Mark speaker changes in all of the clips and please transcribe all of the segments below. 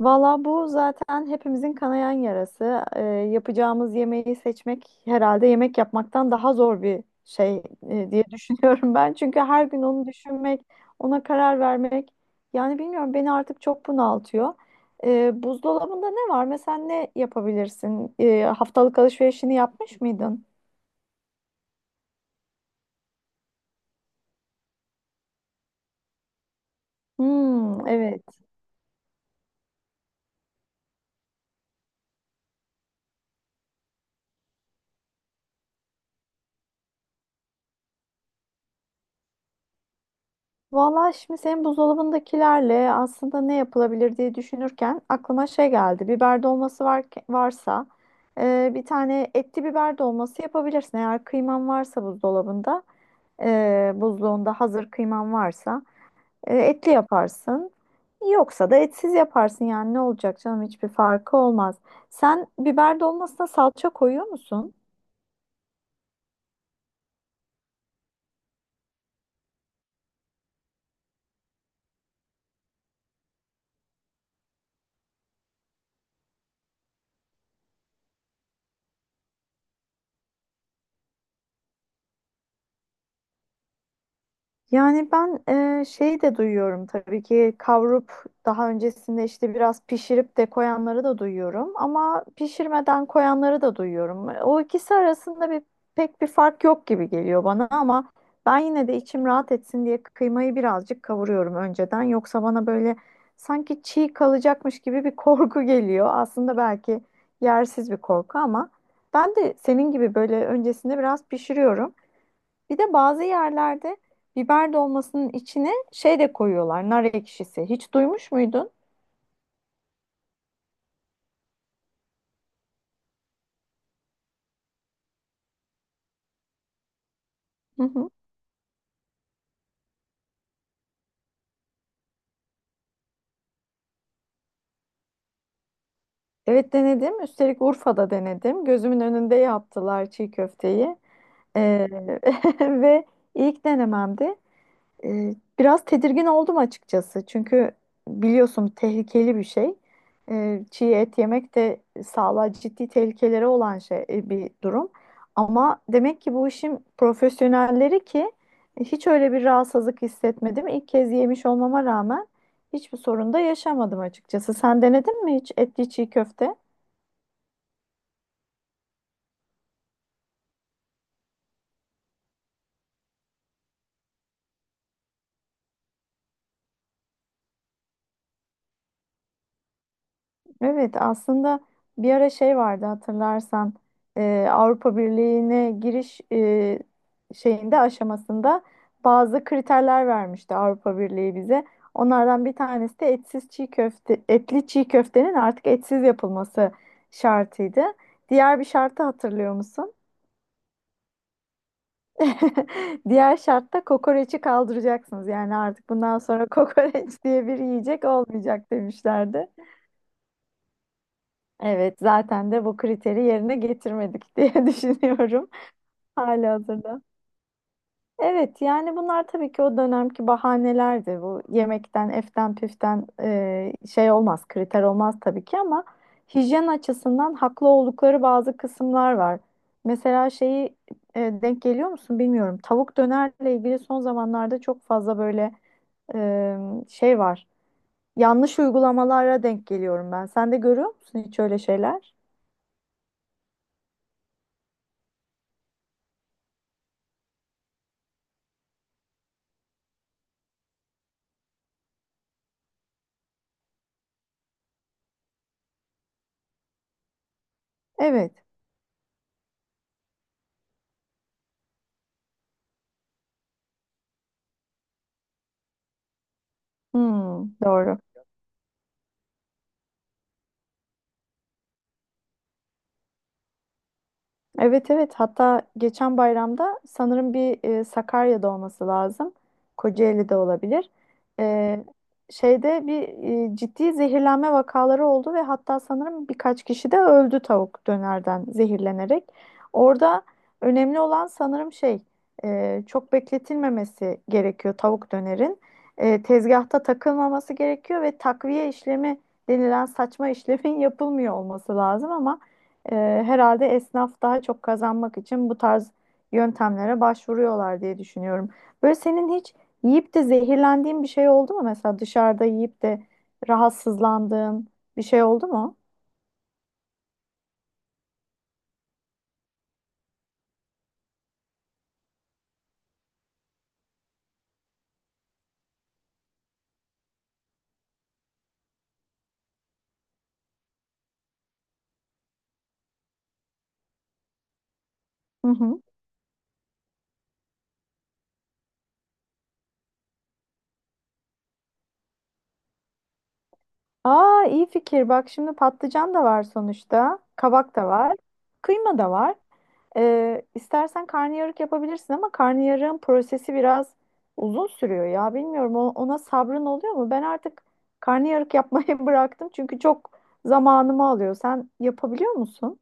Speaker 1: Valla bu zaten hepimizin kanayan yarası. Yapacağımız yemeği seçmek herhalde yemek yapmaktan daha zor bir şey diye düşünüyorum ben. Çünkü her gün onu düşünmek, ona karar vermek yani bilmiyorum beni artık çok bunaltıyor. Buzdolabında ne var? Mesela ne yapabilirsin? Haftalık alışverişini yapmış mıydın? Hmm, evet. Vallahi şimdi senin buzdolabındakilerle aslında ne yapılabilir diye düşünürken aklıma şey geldi. Biber dolması var, varsa bir tane etli biber dolması yapabilirsin. Eğer kıyman varsa buzdolabında, buzluğunda hazır kıyman varsa etli yaparsın. Yoksa da etsiz yaparsın yani ne olacak canım hiçbir farkı olmaz. Sen biber dolmasına salça koyuyor musun? Yani ben şey de duyuyorum tabii ki kavrup daha öncesinde işte biraz pişirip de koyanları da duyuyorum ama pişirmeden koyanları da duyuyorum. O ikisi arasında pek bir fark yok gibi geliyor bana ama ben yine de içim rahat etsin diye kıymayı birazcık kavuruyorum önceden. Yoksa bana böyle sanki çiğ kalacakmış gibi bir korku geliyor. Aslında belki yersiz bir korku ama ben de senin gibi böyle öncesinde biraz pişiriyorum. Bir de bazı yerlerde biber dolmasının içine şey de koyuyorlar, nar ekşisi. Hiç duymuş muydun? Hı hı. Evet denedim. Üstelik Urfa'da denedim. Gözümün önünde yaptılar çiğ köfteyi. Ee, ve ilk denememdi. Biraz tedirgin oldum açıkçası. Çünkü biliyorsun tehlikeli bir şey. Çiğ et yemek de sağlığa ciddi tehlikeleri olan şey, bir durum. Ama demek ki bu işin profesyonelleri ki hiç öyle bir rahatsızlık hissetmedim. İlk kez yemiş olmama rağmen hiçbir sorun da yaşamadım açıkçası. Sen denedin mi hiç etli çiğ köfte? Evet aslında bir ara şey vardı hatırlarsan Avrupa Birliği'ne giriş şeyinde aşamasında bazı kriterler vermişti Avrupa Birliği bize. Onlardan bir tanesi de etsiz çiğ köfte, etli çiğ köftenin artık etsiz yapılması şartıydı. Diğer bir şartı hatırlıyor musun? Diğer şartta kokoreçi kaldıracaksınız. Yani artık bundan sonra kokoreç diye bir yiyecek olmayacak demişlerdi. Evet, zaten de bu kriteri yerine getirmedik diye düşünüyorum halihazırda. Evet, yani bunlar tabii ki o dönemki bahanelerdi. Bu yemekten, eften, püften, şey olmaz, kriter olmaz tabii ki ama hijyen açısından haklı oldukları bazı kısımlar var. Mesela şeyi denk geliyor musun bilmiyorum. Tavuk dönerle ilgili son zamanlarda çok fazla böyle e, şey var. Yanlış uygulamalara denk geliyorum ben. Sen de görüyor musun hiç öyle şeyler? Evet. Hmm, doğru. Evet, evet, hatta geçen bayramda sanırım bir Sakarya'da olması lazım. Kocaeli'de olabilir. E, Şeyde bir ciddi zehirlenme vakaları oldu ve hatta sanırım birkaç kişi de öldü tavuk dönerden zehirlenerek. Orada önemli olan sanırım şey, çok bekletilmemesi gerekiyor tavuk dönerin. Tezgahta takılmaması gerekiyor ve takviye işlemi denilen saçma işlemin yapılmıyor olması lazım ama E, herhalde esnaf daha çok kazanmak için bu tarz yöntemlere başvuruyorlar diye düşünüyorum. Böyle senin hiç yiyip de zehirlendiğin bir şey oldu mu? Mesela dışarıda yiyip de rahatsızlandığın bir şey oldu mu? Hı hı. Aa iyi fikir. Bak şimdi patlıcan da var sonuçta. Kabak da var. Kıyma da var. İstersen karnıyarık yapabilirsin ama karnıyarığın prosesi biraz uzun sürüyor ya. Bilmiyorum ona sabrın oluyor mu? Ben artık karnıyarık yapmayı bıraktım çünkü çok zamanımı alıyor. Sen yapabiliyor musun?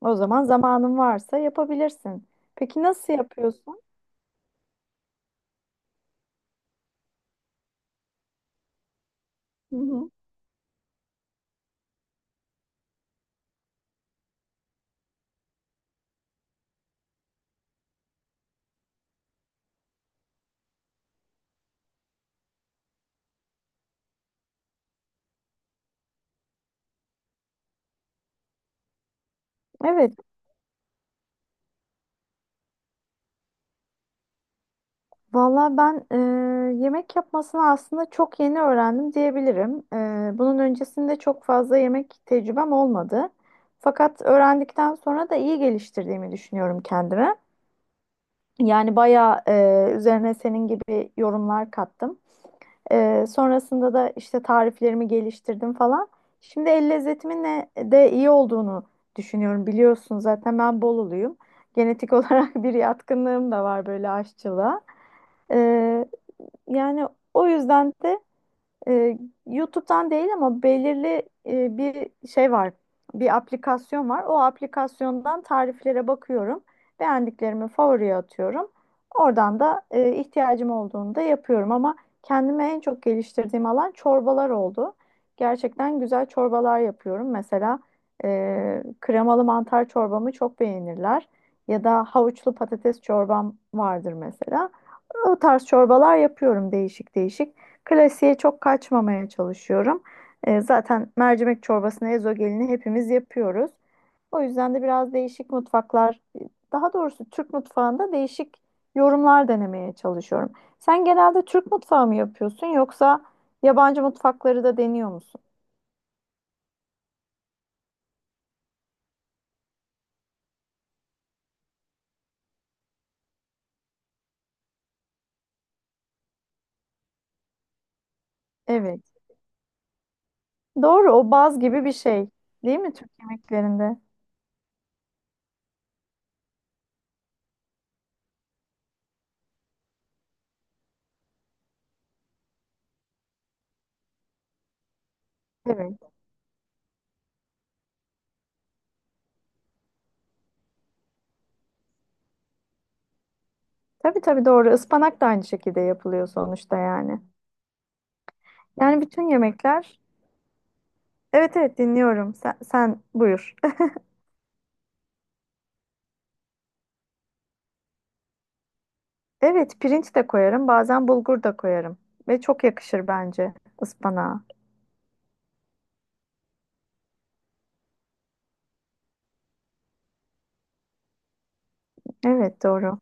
Speaker 1: O zaman zamanın varsa yapabilirsin. Peki nasıl yapıyorsun? Hı hı. Evet. Valla ben yemek yapmasını aslında çok yeni öğrendim diyebilirim. Bunun öncesinde çok fazla yemek tecrübem olmadı. Fakat öğrendikten sonra da iyi geliştirdiğimi düşünüyorum kendime. Yani bayağı üzerine senin gibi yorumlar kattım. Sonrasında da işte tariflerimi geliştirdim falan. Şimdi el lezzetimin de iyi olduğunu düşünüyorum. Biliyorsun zaten ben Bolulu'yum. Genetik olarak bir yatkınlığım da var böyle aşçılığa. Yani o yüzden de e, YouTube'dan değil ama belirli bir şey var. Bir aplikasyon var. O aplikasyondan tariflere bakıyorum. Beğendiklerimi favoriye atıyorum. Oradan da ihtiyacım olduğunda yapıyorum ama kendime en çok geliştirdiğim alan çorbalar oldu. Gerçekten güzel çorbalar yapıyorum. Mesela kremalı mantar çorbamı çok beğenirler. Ya da havuçlu patates çorbam vardır mesela. O tarz çorbalar yapıyorum değişik değişik. Klasiğe çok kaçmamaya çalışıyorum. Zaten mercimek çorbasını, ezogelini hepimiz yapıyoruz. O yüzden de biraz değişik mutfaklar, daha doğrusu Türk mutfağında değişik yorumlar denemeye çalışıyorum. Sen genelde Türk mutfağı mı yapıyorsun yoksa yabancı mutfakları da deniyor musun? Evet. Doğru, o baz gibi bir şey, değil mi Türk yemeklerinde? Evet. Tabii, tabii, doğru. Ispanak da aynı şekilde yapılıyor sonuçta yani. Yani bütün yemekler. Evet, evet, dinliyorum. Sen buyur. Evet pirinç de koyarım. Bazen bulgur da koyarım. Ve çok yakışır bence ıspanağa. Evet doğru.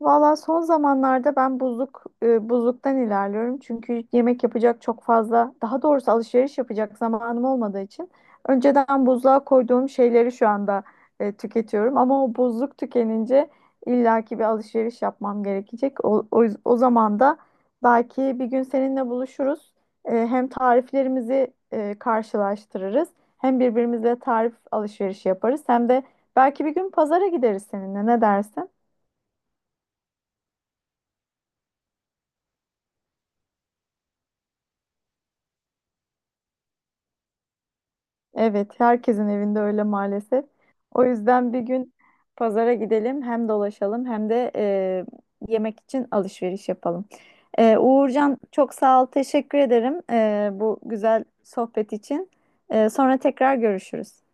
Speaker 1: Valla son zamanlarda ben buzluktan ilerliyorum. Çünkü yemek yapacak çok fazla, daha doğrusu alışveriş yapacak zamanım olmadığı için önceden buzluğa koyduğum şeyleri şu anda tüketiyorum. Ama o buzluk tükenince illaki bir alışveriş yapmam gerekecek. O zaman da belki bir gün seninle buluşuruz. Hem tariflerimizi karşılaştırırız, hem birbirimizle tarif alışverişi yaparız, hem de belki bir gün pazara gideriz seninle. Ne dersin? Evet, herkesin evinde öyle maalesef. O yüzden bir gün pazara gidelim, hem dolaşalım hem de yemek için alışveriş yapalım. Uğurcan çok sağ ol, teşekkür ederim bu güzel sohbet için. Sonra tekrar görüşürüz.